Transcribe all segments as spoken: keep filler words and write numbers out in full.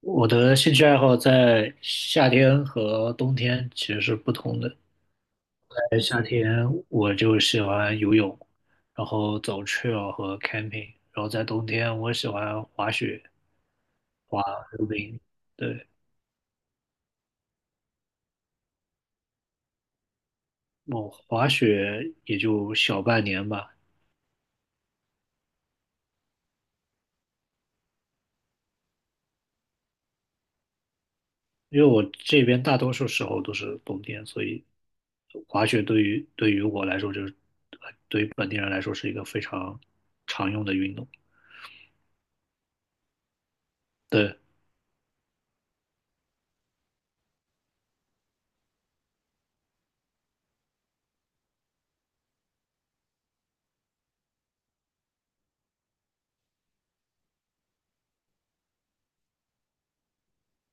我的兴趣爱好在夏天和冬天其实是不同的。在夏天，我就喜欢游泳，然后走 trail 和 camping,然后在冬天，我喜欢滑雪、滑溜冰。对，我滑雪也就小半年吧，因为我这边大多数时候都是冬天，所以滑雪对于对于我来说，就是对于本地人来说是一个非常常用的运动。对。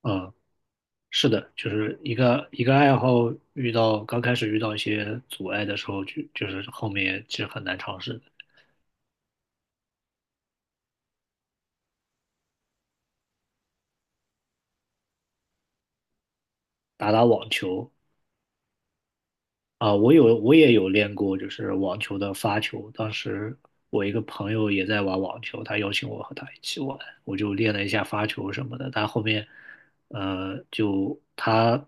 嗯。是的，就是一个一个爱好，遇到刚开始遇到一些阻碍的时候，就就是后面其实很难尝试的。打打网球啊，我有我也有练过，就是网球的发球。当时我一个朋友也在玩网球，他邀请我和他一起玩，我就练了一下发球什么的。但后面，呃，就他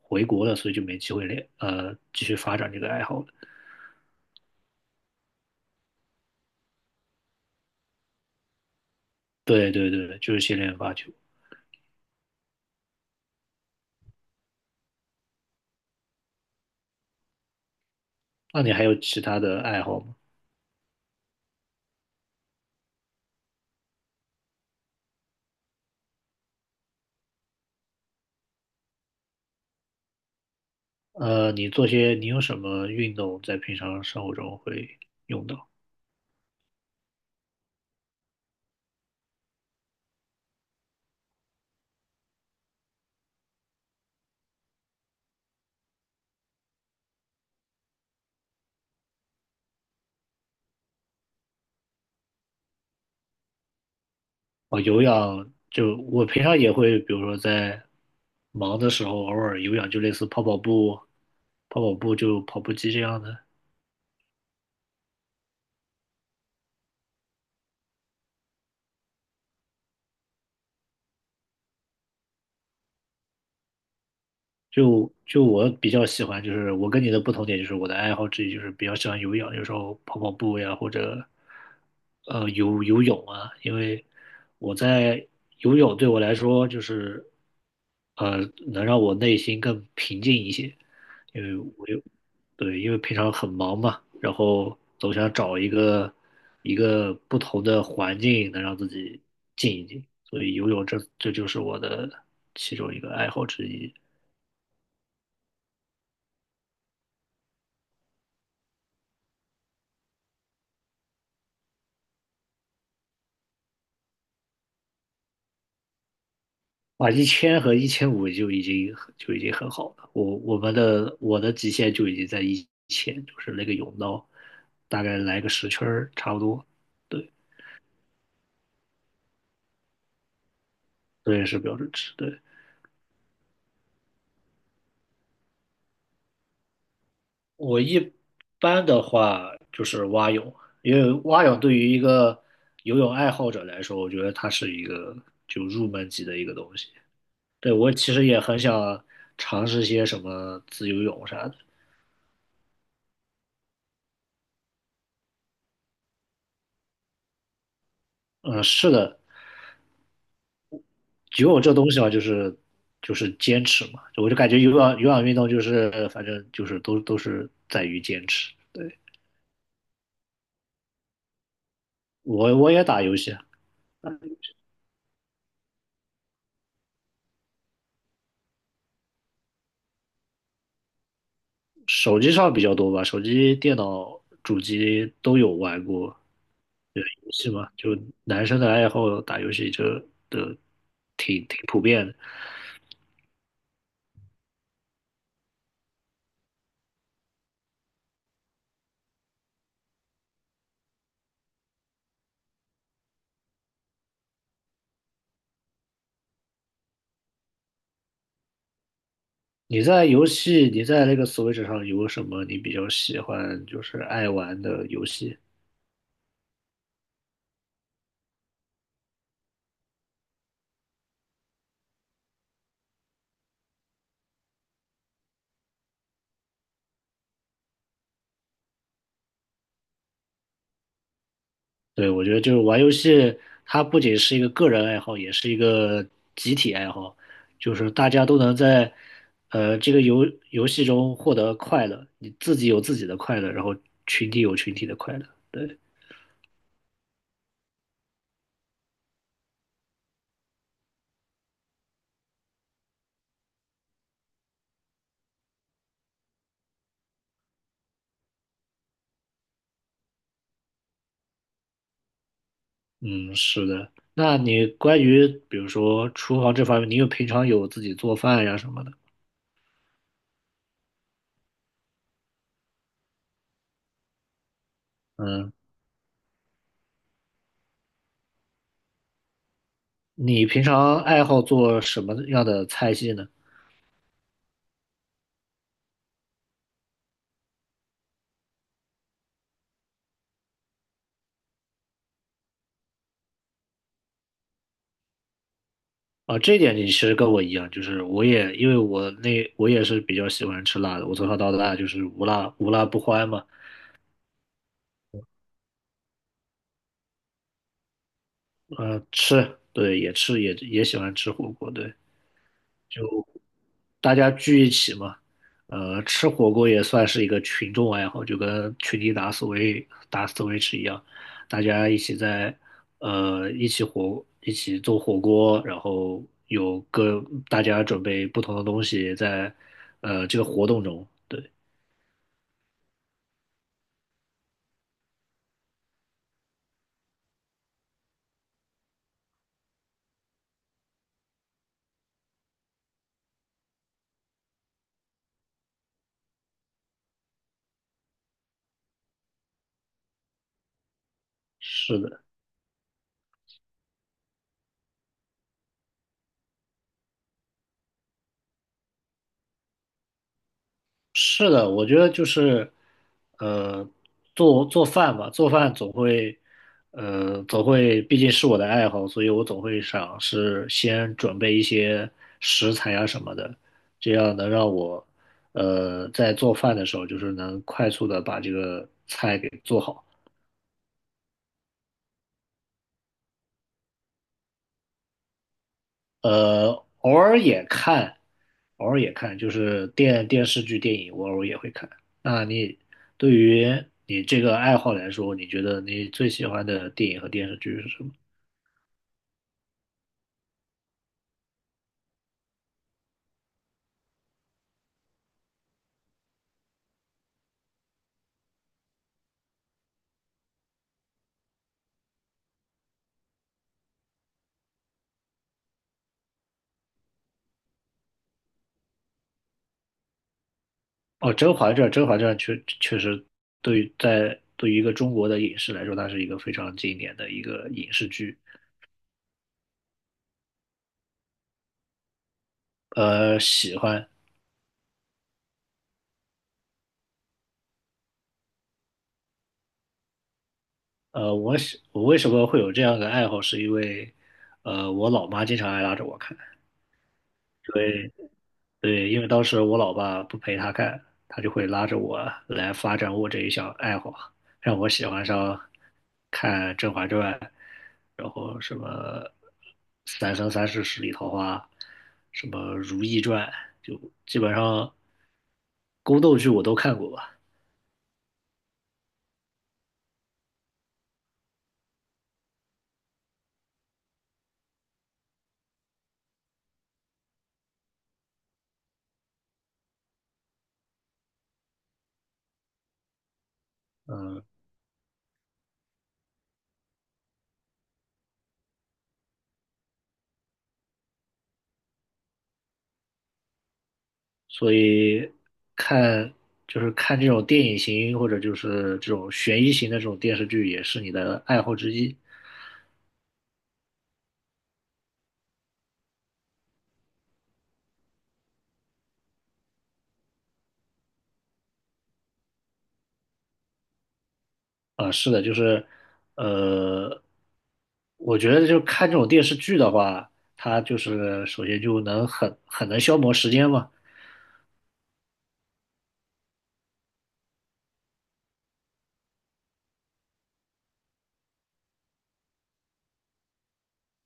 回国了，所以就没机会练，呃，继续发展这个爱好了。对对对，就是先练发球。那你还有其他的爱好吗？呃，你做些，你有什么运动在平常生活中会用到？哦，有氧，就我平常也会，比如说在忙的时候，偶尔有氧，就类似跑跑步，跑跑步就跑步机这样的。就就我比较喜欢，就是我跟你的不同点，就是我的爱好之一就是比较喜欢有氧，有时候跑跑步呀，或者呃游游泳啊，因为我在游泳对我来说就是呃，能让我内心更平静一些，因为我有，对，因为平常很忙嘛，然后总想找一个一个不同的环境能让自己静一静，所以游泳这这就是我的其中一个爱好之一。啊，一千和一千五就已经很就已经很好了，我我们的我的极限就已经在一千，就是那个泳道，大概来个十圈儿差不多，对，这也是标准值，对。我一般的话就是蛙泳，因为蛙泳对于一个游泳爱好者来说，我觉得它是一个就入门级的一个东西。对，我其实也很想尝试些什么自由泳啥的。嗯，是的，游泳这东西嘛，就是就是坚持嘛，就我就感觉有氧有氧运动就是反正就是都都是在于坚持。对，我我也打游戏啊，手机上比较多吧，手机、电脑、主机都有玩过。对，游戏嘛，就男生的爱好打游戏就的挺挺普遍的。你在游戏，你在那个 Switch 上有什么你比较喜欢，就是爱玩的游戏？对，我觉得就是玩游戏，它不仅是一个个人爱好，也是一个集体爱好，就是大家都能在呃这个游游戏中获得快乐，你自己有自己的快乐，然后群体有群体的快乐。对。嗯，是的。那你关于比如说厨房这方面，你有平常有自己做饭呀什么的？嗯，你平常爱好做什么样的菜系呢？啊，这一点你其实跟我一样，就是我也因为我那我也是比较喜欢吃辣的，我从小到大就是无辣无辣不欢嘛。嗯，吃，对，也吃也也喜欢吃火锅，对。就大家聚一起嘛，呃，吃火锅也算是一个群众爱好，就跟群里打 Switch 打 Switch 一样，大家一起在呃一起火一起做火锅，然后有各大家准备不同的东西在呃这个活动中，对，是的。是的，我觉得就是，呃，做做饭吧，做饭总会，呃，总会，毕竟是我的爱好，所以我总会想是先准备一些食材啊什么的，这样能让我，呃，在做饭的时候就是能快速的把这个菜给做好。呃，偶尔也看，偶尔也看，就是电电视剧、电影，我偶尔也会看。那你对于你这个爱好来说，你觉得你最喜欢的电影和电视剧是什么？哦，《甄嬛传》，《甄嬛传》确确实对于在对于一个中国的影视来说，它是一个非常经典的一个影视剧。呃，喜欢。呃，我喜我为什么会有这样的爱好，是因为呃，我老妈经常爱拉着我看。对，因为当时我老爸不陪他看，他就会拉着我来发展我这一项爱好啊，让我喜欢上看《甄嬛传》，然后什么《三生三世十里桃花》，什么《如懿传》，就基本上宫斗剧我都看过吧。嗯，所以看就是看这种电影型或者就是这种悬疑型的这种电视剧，也是你的爱好之一。啊，是的，就是，呃，我觉得就看这种电视剧的话，它就是首先就能很很能消磨时间嘛。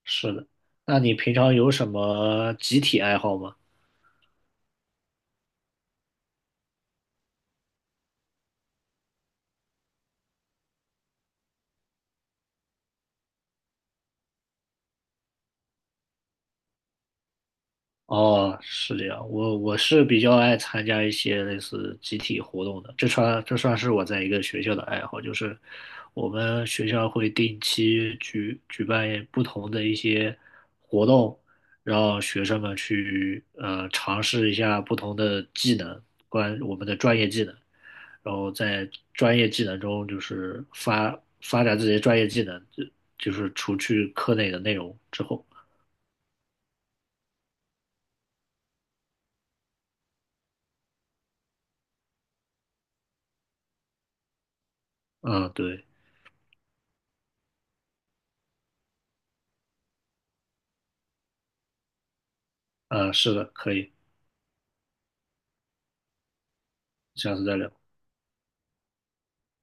是的，那你平常有什么集体爱好吗？哦，是这样，我我是比较爱参加一些类似集体活动的，这算这算是我在一个学校的爱好，就是我们学校会定期举举办不同的一些活动，让学生们去呃尝试一下不同的技能，关我们的专业技能，然后在专业技能中就是发发展自己的专业技能，就就是除去课内的内容之后，嗯，对，呃，是的，可以。下次再聊。